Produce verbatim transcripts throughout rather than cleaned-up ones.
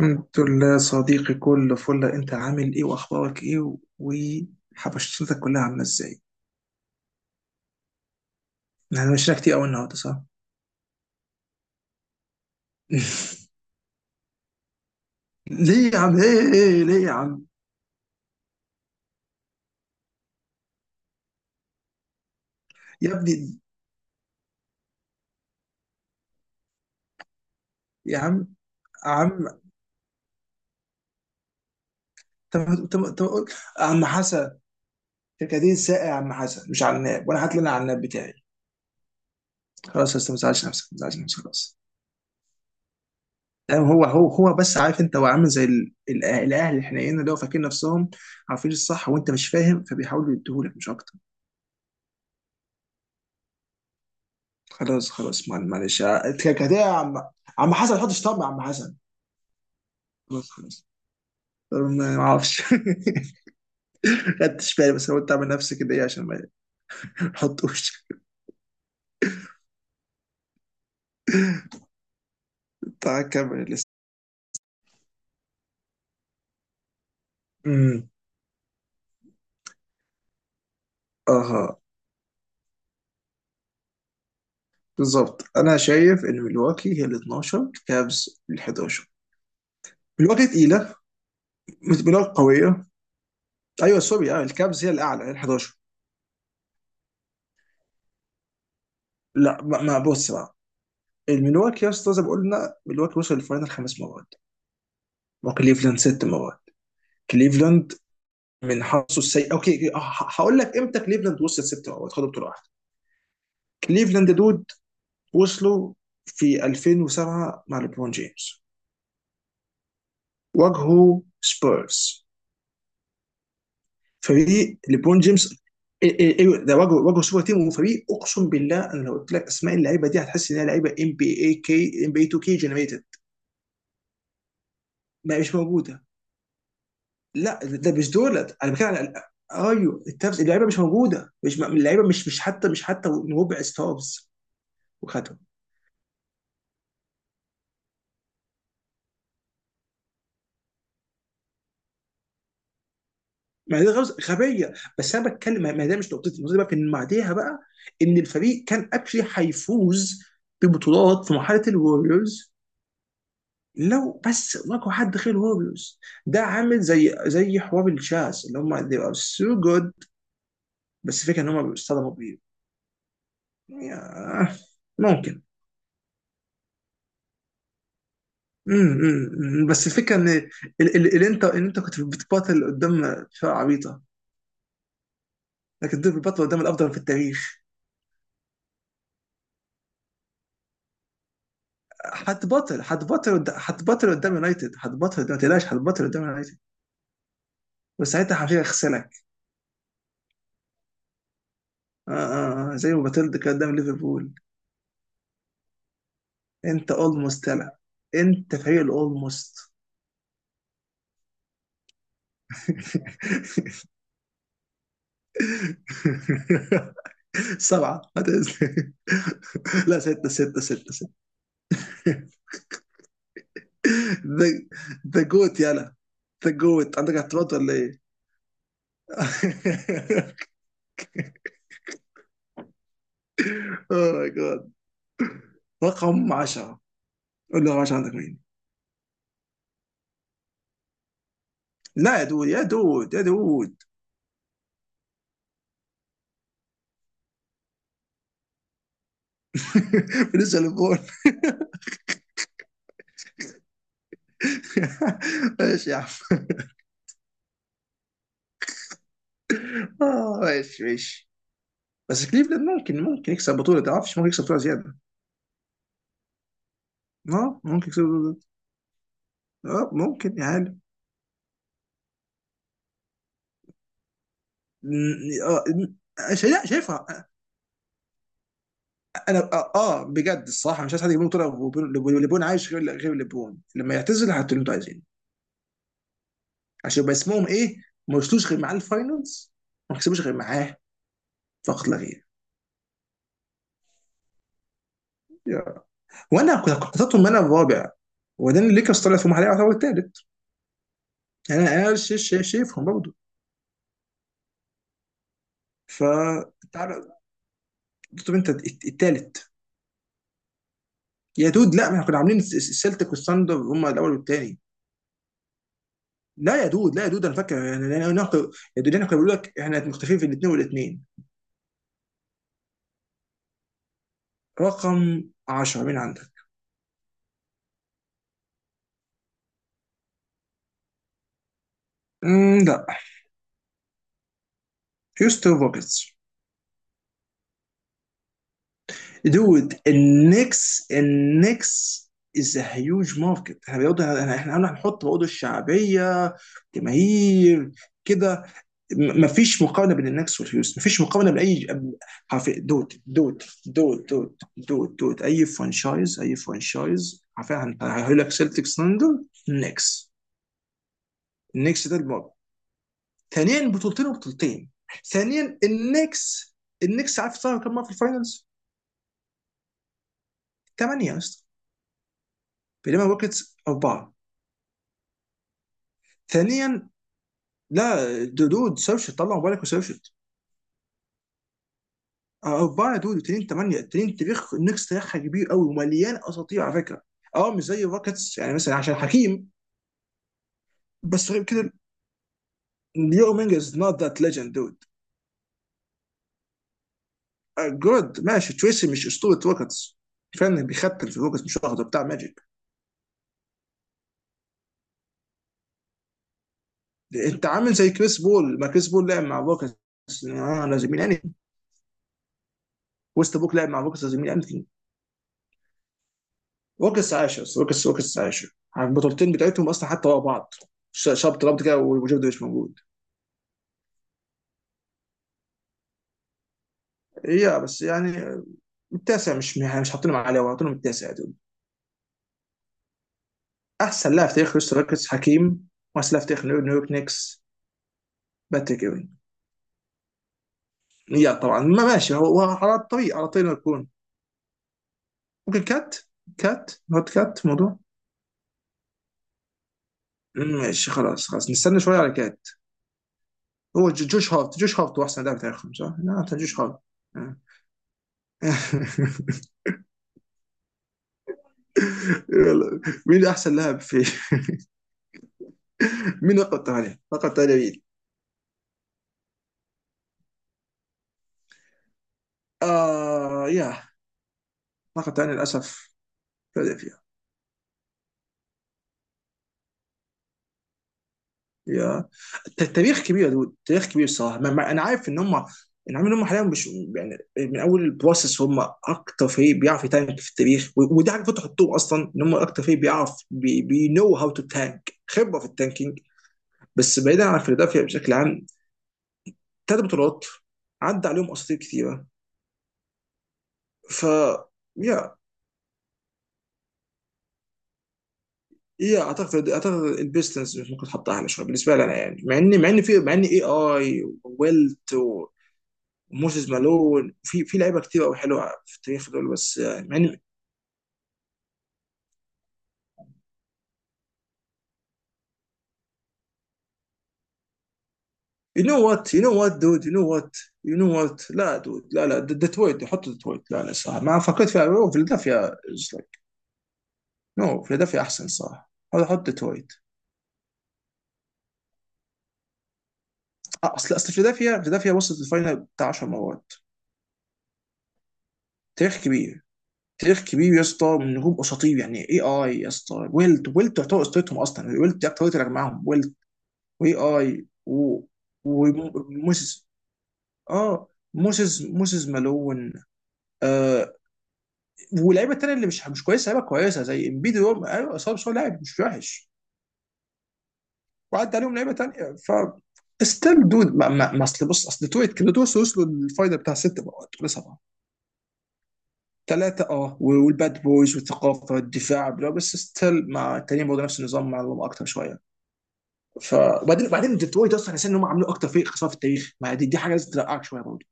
الحمد لله صديقي، كل فل. انت عامل ايه واخبارك ايه وحبشتك كلها عامله ازاي؟ احنا مشينا كتير قوي النهارده، صح؟ ليه يا عم؟ ايه ايه إيه، ليه يا عم؟ يا ابني. يا عم. عم. طب طب طب قول. عم حسن، كركديه ساقع يا عم حسن، مش عناب. وانا هات لي انا عناب بتاعي. خلاص يا أستاذ، ما تزعلش نفسك، ما تزعلش نفسك خلاص. يعني هو هو هو بس، عارف انت، هو عامل زي ال- الأه- الاهل الحنينه اللي هو فاكرين نفسهم عارفين الصح وانت مش فاهم، فبيحاولوا يديهولك مش اكتر. خلاص خلاص. مع- معلش كده يا عم. عم حسن، ما تحطش طم يا عم حسن. خلاص خلاص. ما ما اعرفش. خدتش بالي، بس انا قلت اعمل نفسي كده ايه عشان ما تحطوش. تعال كمل لسه. امم. اها. بالظبط، انا شايف ان ملواكي هي ال اتناشر، كابز ال حداشر. ملواكي تقيله. ملواكي قويه. ايوه سوري، اه الكابز هي الاعلى، هي ال حداشر. لا، ما, ما بص بقى. الملواكي يا اسطى زي ما قلنا، ملواكي وصل الفاينل خمس مرات وكليفلاند ست مرات. كليفلاند من حظه السيء. اوكي، ه- هقول لك امتى كليفلاند وصلت ست، او خدوا بطوله واحده. كليفلاند دود، وصلوا في ألفين وسبعة مع ليبرون جيمس. واجهوا سبيرز، فريق ليبرون جيمس. إيه إيه إيه ده، واجهوا واجهوا سوبر تيم وفريق. اقسم بالله انا لو قلت لك اسماء اللعيبه دي هتحس ان هي لعيبه ام بي اي كي، ام بي اتنين كي جنريتد. ما مش موجوده. لا ده مش دولت، انا بتكلم على، ايوه التابس، اللعيبه مش موجوده، مش اللعيبه، مش مش حتى مش حتى ربع ستارز. وخدوا. ما دي غلط- غبيه، بس انا بتكلم، ما ما ده مش نقطتي. نقطتي بقى في ان بعديها بقى ان الفريق كان اكشلي هيفوز ببطولات في مرحله الوريورز لو بس واجهوا حد غير الوريورز. ده عامل زي زي حوار الجاز اللي هم they are so good، بس الفكره ان هم بيصطدموا بيه. يا- ممكن. مم، مم، مم. بس الفكره ان ال- ال- اللي انت، اللي انت كنت بتباطل قدام فرقه عبيطه، لكن دول بيباطلوا قدام الافضل في التاريخ. هتبطل هتبطل قد- هتبطل قدام يونايتد، هتبطل قدام، ما تقلقش، هتبطل قدام يونايتد. وساعتها حرفيا هيغسلك. آه آه آه زي ما بطلت كده قدام ليفربول. انت اولموست طلع، انت فريق الاولموست. سبعة هتنزل. لا، ستة ستة ستة ستة. ذا، ذا جوت يلا. ذا جوت، عندك اعتراض ولا ايه؟ اوه ماي جاد، رقم عشرة. قول لي رقم عشرة، عندك مين؟ لا يا دود يا دود يا دود. بالنسبه لبول. ماشي يا عم. آه، ماشي ماشي. بس كليفلاند ممكن ممكن يكسب بطوله، ما اعرفش، ممكن يكسب بطوله زياده. اه ممكن يكسب بطولة. اه ممكن يا عالم. م- اه م- شايف- شايفها. انا اه، آه، بجد الصراحه مش عايز حد يجيب لهم بطوله. وبون- لبون لبون عايش، غير غير لبون. لما يعتزل هاتوا اللي انتوا عايزينه عشان يبقى اسمهم ايه. ما وصلوش غير معاه الفاينلز، ما كسبوش غير معاه، فقط لا غير. يا. وانا كنت كنت حاططهم انا الرابع، وبعدين الليكرز طلعت في محلها يعتبر الثالث. يعني انا انا شا- شا- شايفهم برضه. ف، تعال- طب انت الت- التالت. يا دود لا، ما احنا كنا عاملين الس- الس- السلتيك والثاندر هم الاول والتاني. لا يا دود، لا يا دود، انا فاكر يعني لأن انا أنا- يا دود انا كنت بقول لك احنا مختلفين في الاثنين والاثنين. رقم عشرة مين عندك؟ امم، لا. هيوستن روكيتس. دود، النكس النكس از هيوج ماركت. احنا برضه، احنا هنحط برضه الشعبيه، جماهير كده. م- مفيش مقارنه بين النكس والهيوز، مفيش مقارنه بين اي، حرفيا دوت دوت دوت دوت دوت دوت اي فرانشايز، اي فرانشايز حرفيا هن- هيقول لك سيلتكس لندن النكس. النكس ده المرة، ثانيا بطولتين وبطولتين. ثانيا النكس، النكس عارف صار كم مره في الفاينلز؟ ثمانيه يا اسطى، بينما الروكيتس اربعه. ثانيا، لا دود، سيرشت، طلع موبايلك وسيرشت. اربعه دود وتنين، ثمانيه تنين. تاريخ النكس تاريخها كبير قوي ومليان اساطير على فكره. اه مش زي الروكيتس يعني، مثلا عشان حكيم، بس غير كده، ليو مينج از نوت ذات ليجند دود. آه، جود، ماشي. تريسي مش اسطوره روكيتس، كفايه انه بيختل في الروكيتس مش واخده بتاع ماجيك. انت عامل زي كريس بول، ما كريس بول لعب مع الروكيتس آه، لازم يعني. وست بوك لعب مع الروكيتس لازم يعني. روكس عاشوا، روكس روكس عاشوا. البطولتين بتاعتهم اصلا حتى ورا بعض. ش- شاب ترامب كده وجوردن مش موجود. هي بس يعني، التاسع. مش مش حاطينهم عليه، حاطينهم التاسع دول. احسن لاعب في تاريخ هيوستن روكيتس حكيم، واحسن لاعب في تاريخ نيويورك نيكس باتريك ايفن. يا طبعا، ما ماشي، هو هو على الطريق، على طريق انه يكون. ممكن كات، كات نحط كات في الموضوع. ماشي، خلاص خلاص، نستنى شويه على كات. هو جو- جوش هارت، جوش هارت هو احسن لاعب في تاريخهم صح؟ لا، أحسن جوش هارت. يلا. مين احسن لاعب في مين النقطة الثانية؟ النقطة الثانية مين؟ آه يا. النقطة الثانية للأسف فيلادلفيا. يا. الت- التاريخ كبير يا دود، تاريخ كبير الصراحة. ما- ما- أنا عارف إن هم، أنا عارف إن هم حاليا مش يعني، من أول البروسس هم أكتر فريق بيعرف يتانك في التاريخ، و- ودي حاجة فتح الطوب أصلا، إن هم أكتر فريق بيعرف، بي بي نو هاو تو تانك، خبرة في التانكينج. بس بعيدا عن فيلادلفيا بشكل عام، ثلاث بطولات، عدى عليهم أساطير كثيرة. ف، يا. ايه، اعتقد اعتقد البيستنس ممكن تحط اعلى شويه بالنسبه لي انا، يعني مع ان، مع ان في مع ان اي اي وويلت وموسيس مالون، في في لعيبه كتير قوي حلوه في التاريخ دول، بس يعني مع ان، يو نو وات يو نو وات دود يو نو وات. يو نو وات لا دود، لا لا، ديترويت، حط ديترويت، لا لا صح ما فكرت فيها. أوه، فيلادلفيا از لايك، نو، فيلادلفيا احسن صح، هذا حط ديترويت. اصل اصل فيلادلفيا، فيلادلفيا وصلت الفاينل بتاع عشر مرات، تاريخ كبير، تاريخ كبير يا اسطى، من نجوم اساطير يعني، اي اي يا اسطى، ويلت ويلت تعتبر اسطورتهم اصلا، ويلت دي اكتر واحد اللي جمعهم ويلت، واي اي و- وموسيس، اه موسيس، موسيس مالون. آه. واللعيبه التانيه اللي مش مش كويسه، لعيبه كويسه زي امبيدي، هو ايوه صعب بس هو لاعب مش وحش. وعدى عليهم لعيبه تانيه. ف، ستيل دود، ما ما ما اصل بص، اصل تويت كده، توصل، وصلوا للفاينل بتاع ست بقى ولا سبعه. ثلاثة، اه والباد بويز والثقافة والدفاع بلا. بس ستيل مع التانيين برضه نفس النظام مع الروم اكتر شوية. ف، وبعدين، وبعدين ديترويت اصلا حسيت ان هم عملوا اكتر فريق خسارة في التاريخ. ما دي, دي حاجة لازم تلقعك شوية برضه.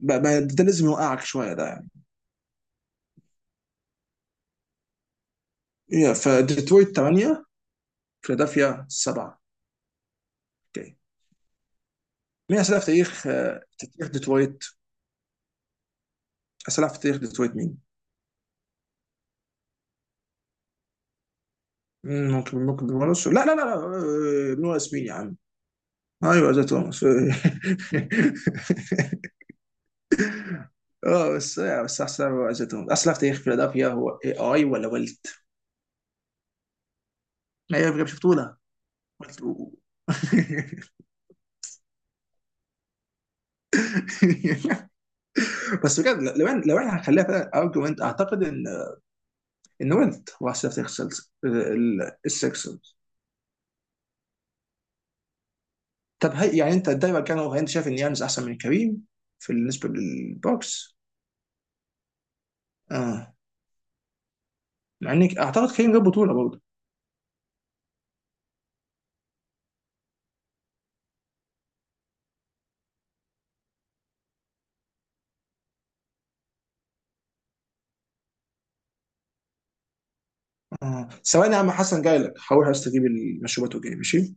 ب- ب- ده لازم يوقعك شوية ده يعني. يا، فديترويت ثمانية، فيلادلفيا سبعة. اوكي. مين أسئلة في تاريخ، آه، تاريخ ديترويت؟ أسئلة في تاريخ ديترويت مين؟ مم، ممكن ممكن بنورس، لا لا لا لا آه، بنورس مين يا عم؟ ايوه زي توماس. اه بس، آه، بس احسن ما واجهتهم اصلا في تاريخ فيلادلفيا هو اي اي ولا ولت. ما هي بجد بطوله. ولت و- بس بجد لو إن- لو احنا هنخليها فعلا ارجيومنت اعتقد ان، ان ولت هو احسن لعبه في تاريخ السلس- ال- ال- السكسرز. طب هي يعني انت دايما كان هو، انت شايف ان يانز احسن من كريم في، بالنسبه للبوكس. اه، مع انك اعتقد كريم جاب بطوله برضه. اه ثواني يا عم حسن، جاي لك، هروح استجيب المشروبات وجاي، ماشي.